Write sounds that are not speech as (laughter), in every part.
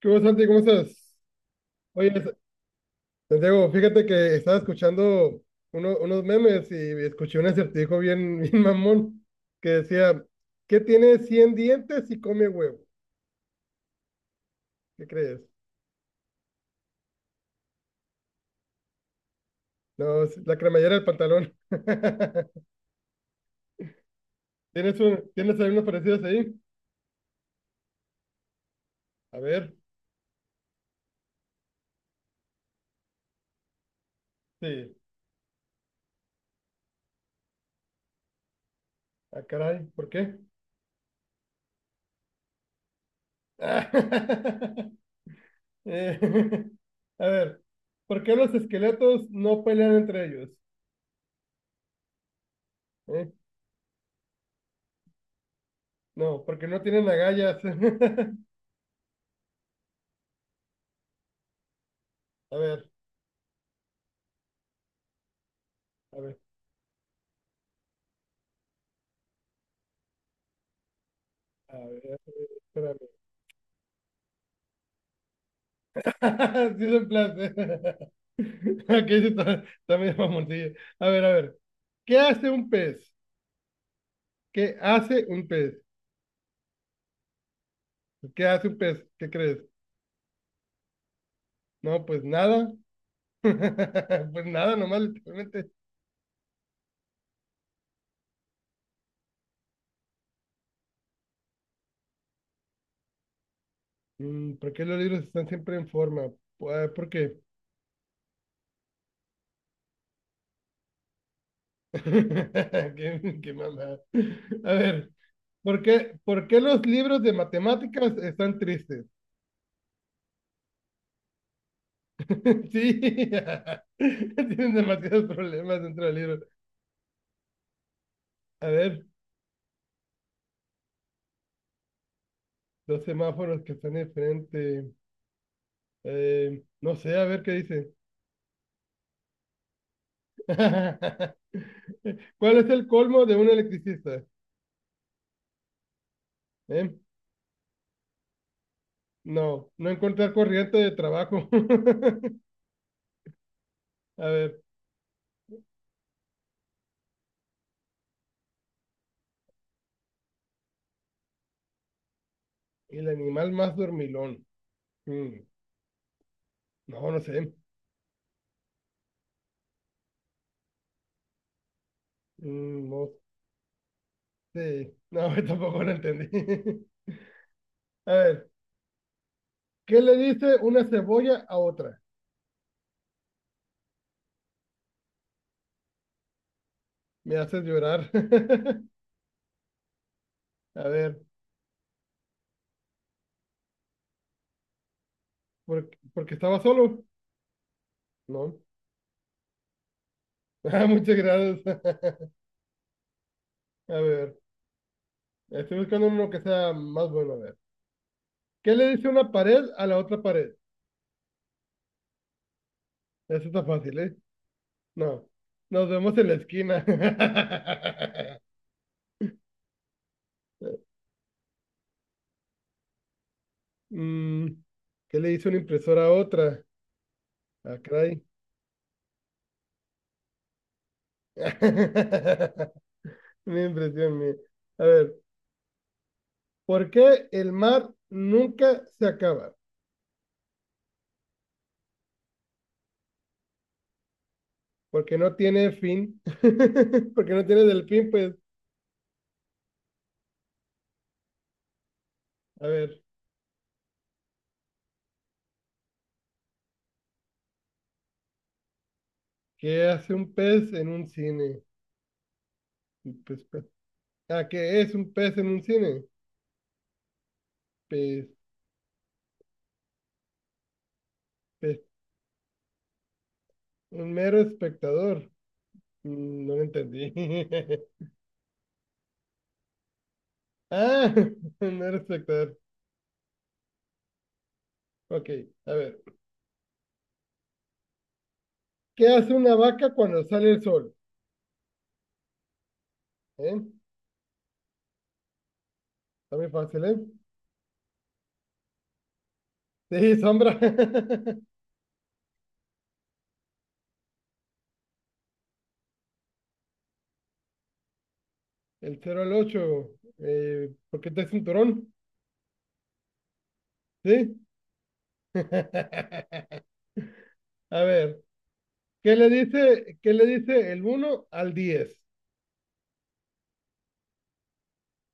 ¿Qué hubo, Santi? ¿Cómo estás? Oye, Santiago, fíjate que estaba escuchando unos memes y escuché un acertijo bien, (laughs) bien mamón que decía, ¿qué tiene 100 dientes y come huevo? ¿Qué crees? No, es la cremallera del pantalón. (laughs) Tienes algunos parecidos ahí? A ver, sí. Ah, caray, ¿por qué? (laughs) Eh, (laughs) a ver, ¿por qué los esqueletos no pelean entre ellos? ¿Eh? No, porque no tienen agallas. (laughs) A ver, a ver, a ver, espérame. (laughs) Sí, es en plan. (laughs) Ok, sí, está medio mamoncillo. A ver, a ver. ¿Qué hace un pez? ¿Qué hace un pez? ¿Qué hace un pez? ¿Qué crees? No, pues nada. (laughs) Pues nada, nomás literalmente. ¿Por qué los libros están siempre en forma? Pues, ah, ¿por qué? (laughs) Qué mamada. A ver, ¿por qué los libros de matemáticas están tristes? (laughs) Sí, (laughs) tienen demasiados problemas dentro del libro. A ver, los semáforos que están enfrente. No sé, a ver qué dice. (laughs) ¿Cuál es el colmo de un electricista? ¿Eh? No, no encontrar corriente de trabajo. (laughs) A ver, el animal más dormilón. Mm, no, no sé. No sé. No, (laughs) tampoco lo entendí. (laughs) A ver, ¿qué le dice una cebolla a otra? Me haces llorar. (laughs) A ver. ¿Porque estaba solo? No. (laughs) Ah, muchas gracias. (laughs) A ver, estoy buscando uno que sea más bueno. A ver, ¿qué le dice una pared a la otra pared? Eso está fácil, ¿eh? No. Nos vemos en la esquina. (laughs) Mm, ¿qué le dice una impresora a otra? Ah, caray. (laughs) Mi impresión, mía. A ver, ¿por qué el mar nunca se acaba? Porque no tiene fin. (laughs) Porque no tiene delfín, pues. A ver. ¿Qué hace un pez en un cine? Pues pez, pez. Ah, ¿qué es un pez en un cine? Pez, pez. Un mero espectador. No lo entendí. (laughs) Ah, (laughs) un mero espectador. Ok, a ver. ¿Qué hace una vaca cuando sale el sol? ¿Eh? Está muy fácil, ¿eh? Sí, sombra. (laughs) El cero al ocho. ¿Por qué te cinturón? ¿Sí? (laughs) A ver. ¿Qué le dice el uno al 10?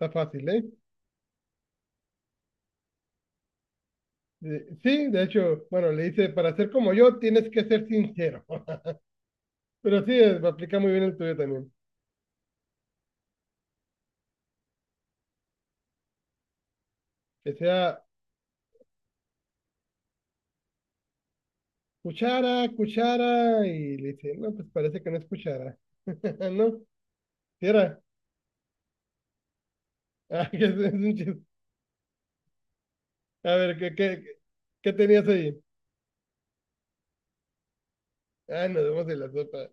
Está fácil, ¿eh? Sí, de hecho, bueno, le dice, para ser como yo tienes que ser sincero. (laughs) Pero sí, aplica muy bien el tuyo también. Que sea cuchara, cuchara, y le dice, no, pues parece que no es cuchara. (laughs) No, sí era. Ah, (laughs) que es un chiste. A ver, qué tenías ahí? Ah, nos vemos en la sopa.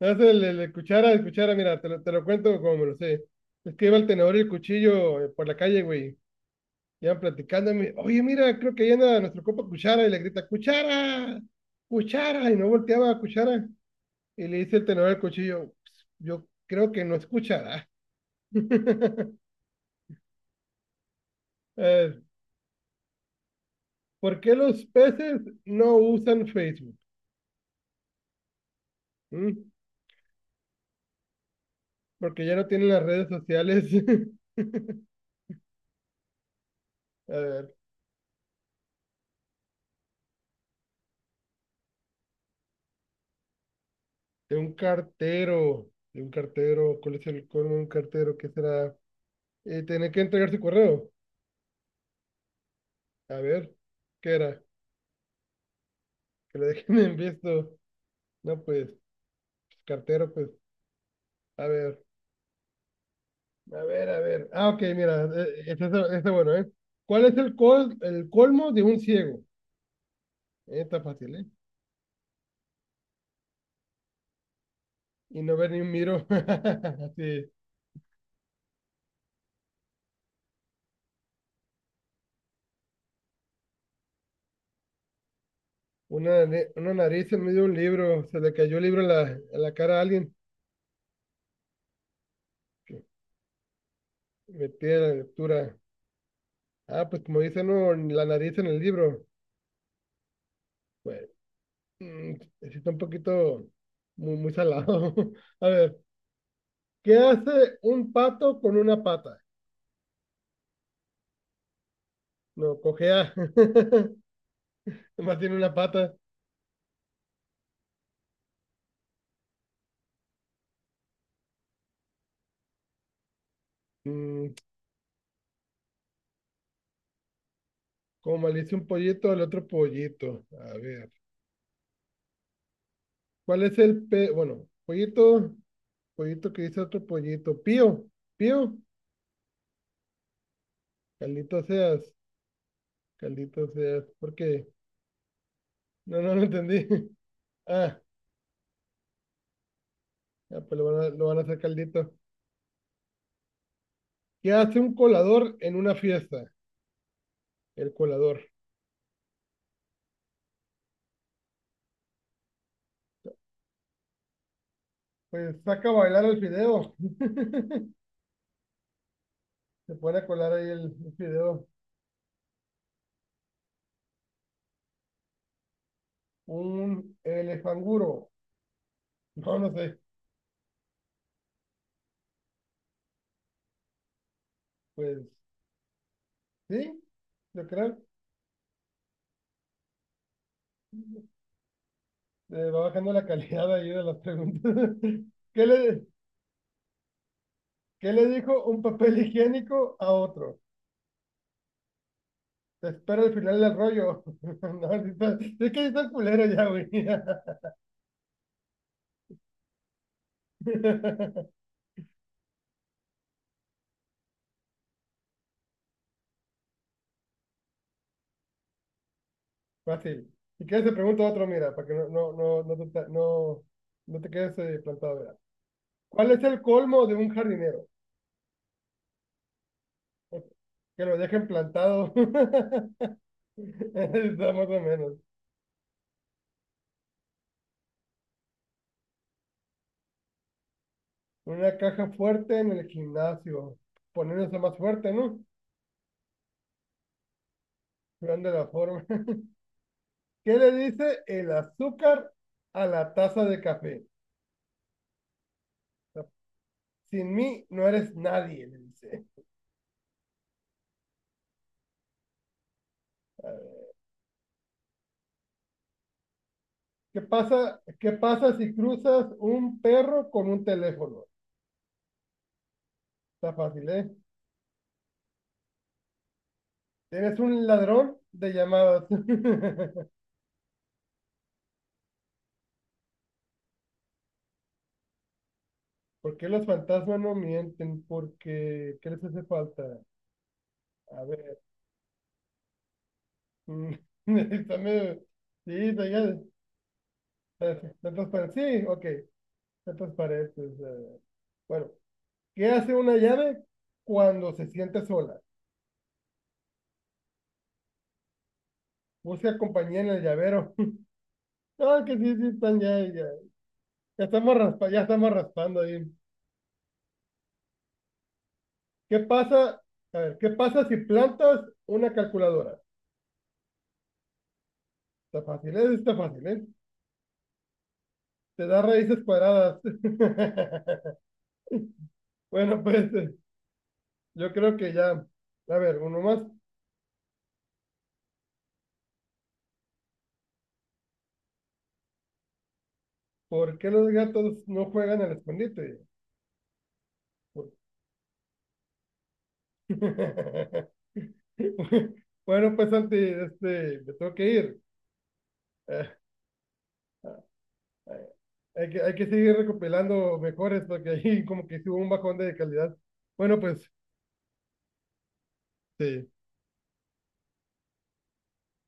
No, es el cuchara, mira, te lo cuento como me lo sé. Es que iba el tenedor y el cuchillo por la calle, güey. Iban platicando, oye, mira, creo que llena nuestro copa Cuchara y le grita, Cuchara, Cuchara, y no volteaba a Cuchara. Y le dice el tenedor al cuchillo, "Pues, yo creo que no es Cuchara". (laughs) Eh, ¿Por qué los peces no usan Facebook? ¿Mm? Porque ya no tienen las redes sociales. (laughs) A ver, ¿cuál es el colmo de un cartero? ¿Qué será? Tener que entregar su correo. A ver, ¿qué era? Que lo dejen en visto. No, pues, cartero, pues, a ver, a ver, a ver. Ah, ok, mira, bueno, ¿eh? ¿Cuál es el colmo de un ciego? Está fácil, ¿eh? Y no ver ni un miro. (laughs) Sí, una nariz en medio de un libro, se le cayó el libro en la, cara a alguien. Metida la lectura. Ah, pues como dice, no, la nariz en el libro. Bueno, mm, sí está un poquito muy, muy salado. (laughs) A ver, ¿qué hace un pato con una pata? No, cojea. (laughs) Nomás tiene una pata. Mm, como maldice un pollito al otro pollito. A ver. ¿Cuál es el pe... Bueno, pollito, pollito que dice otro pollito. Pío, pío. Caldito seas, caldito seas. ¿Por qué? No, no lo entendí. (laughs) Ah, ya, pues lo van a hacer caldito. ¿Qué hace un colador en una fiesta? El colador. Pues saca a bailar el fideo. (laughs) Se pone a colar ahí el fideo. Un elefanguro. No, no sé. Pues sí, yo creo. Va bajando la calidad ahí de las preguntas. (laughs) ¿Qué le, qué le dijo un papel higiénico a otro? Te espero al final del rollo. (laughs) No, sí es que sí está culero ya, güey. (laughs) Fácil. Si quieres te pregunto otro, mira, para que no, no, no, no, no, no te quedes plantado, mira. ¿Cuál es el colmo de un jardinero? (laughs) Que lo dejen plantado. (laughs) Está más o menos. Una caja fuerte en el gimnasio. Poniéndose más fuerte, ¿no? Cuidando la forma. (laughs) ¿Qué le dice el azúcar a la taza de café? Sin mí no eres nadie, le dice. A ver, ¿Qué pasa si cruzas un perro con un teléfono? Está fácil, ¿eh? Eres un ladrón de llamadas. (laughs) ¿Por qué los fantasmas no mienten? Porque, ¿qué les hace falta? A ver. (laughs) mm, está Sí, perfecto. Entonces, sí, ok. Entonces, para esto es, bueno, ¿qué hace una llave cuando se siente sola? Busca compañía en el llavero. (laughs) No, que sí, sí, están ya, ya, ya estamos raspando ahí. ¿Qué pasa? A ver, ¿qué pasa si plantas una calculadora? Está fácil, ¿eh? Está fácil, ¿eh? Te da raíces cuadradas. (laughs) Bueno, pues yo creo que ya. A ver, uno más. ¿Por qué los gatos no juegan al escondite? ¿Por (laughs) Bueno, pues Santi, me tengo que ir. Eh, eh, hay que seguir recopilando mejores porque ahí como que sí hubo un bajón de calidad. Bueno, pues sí.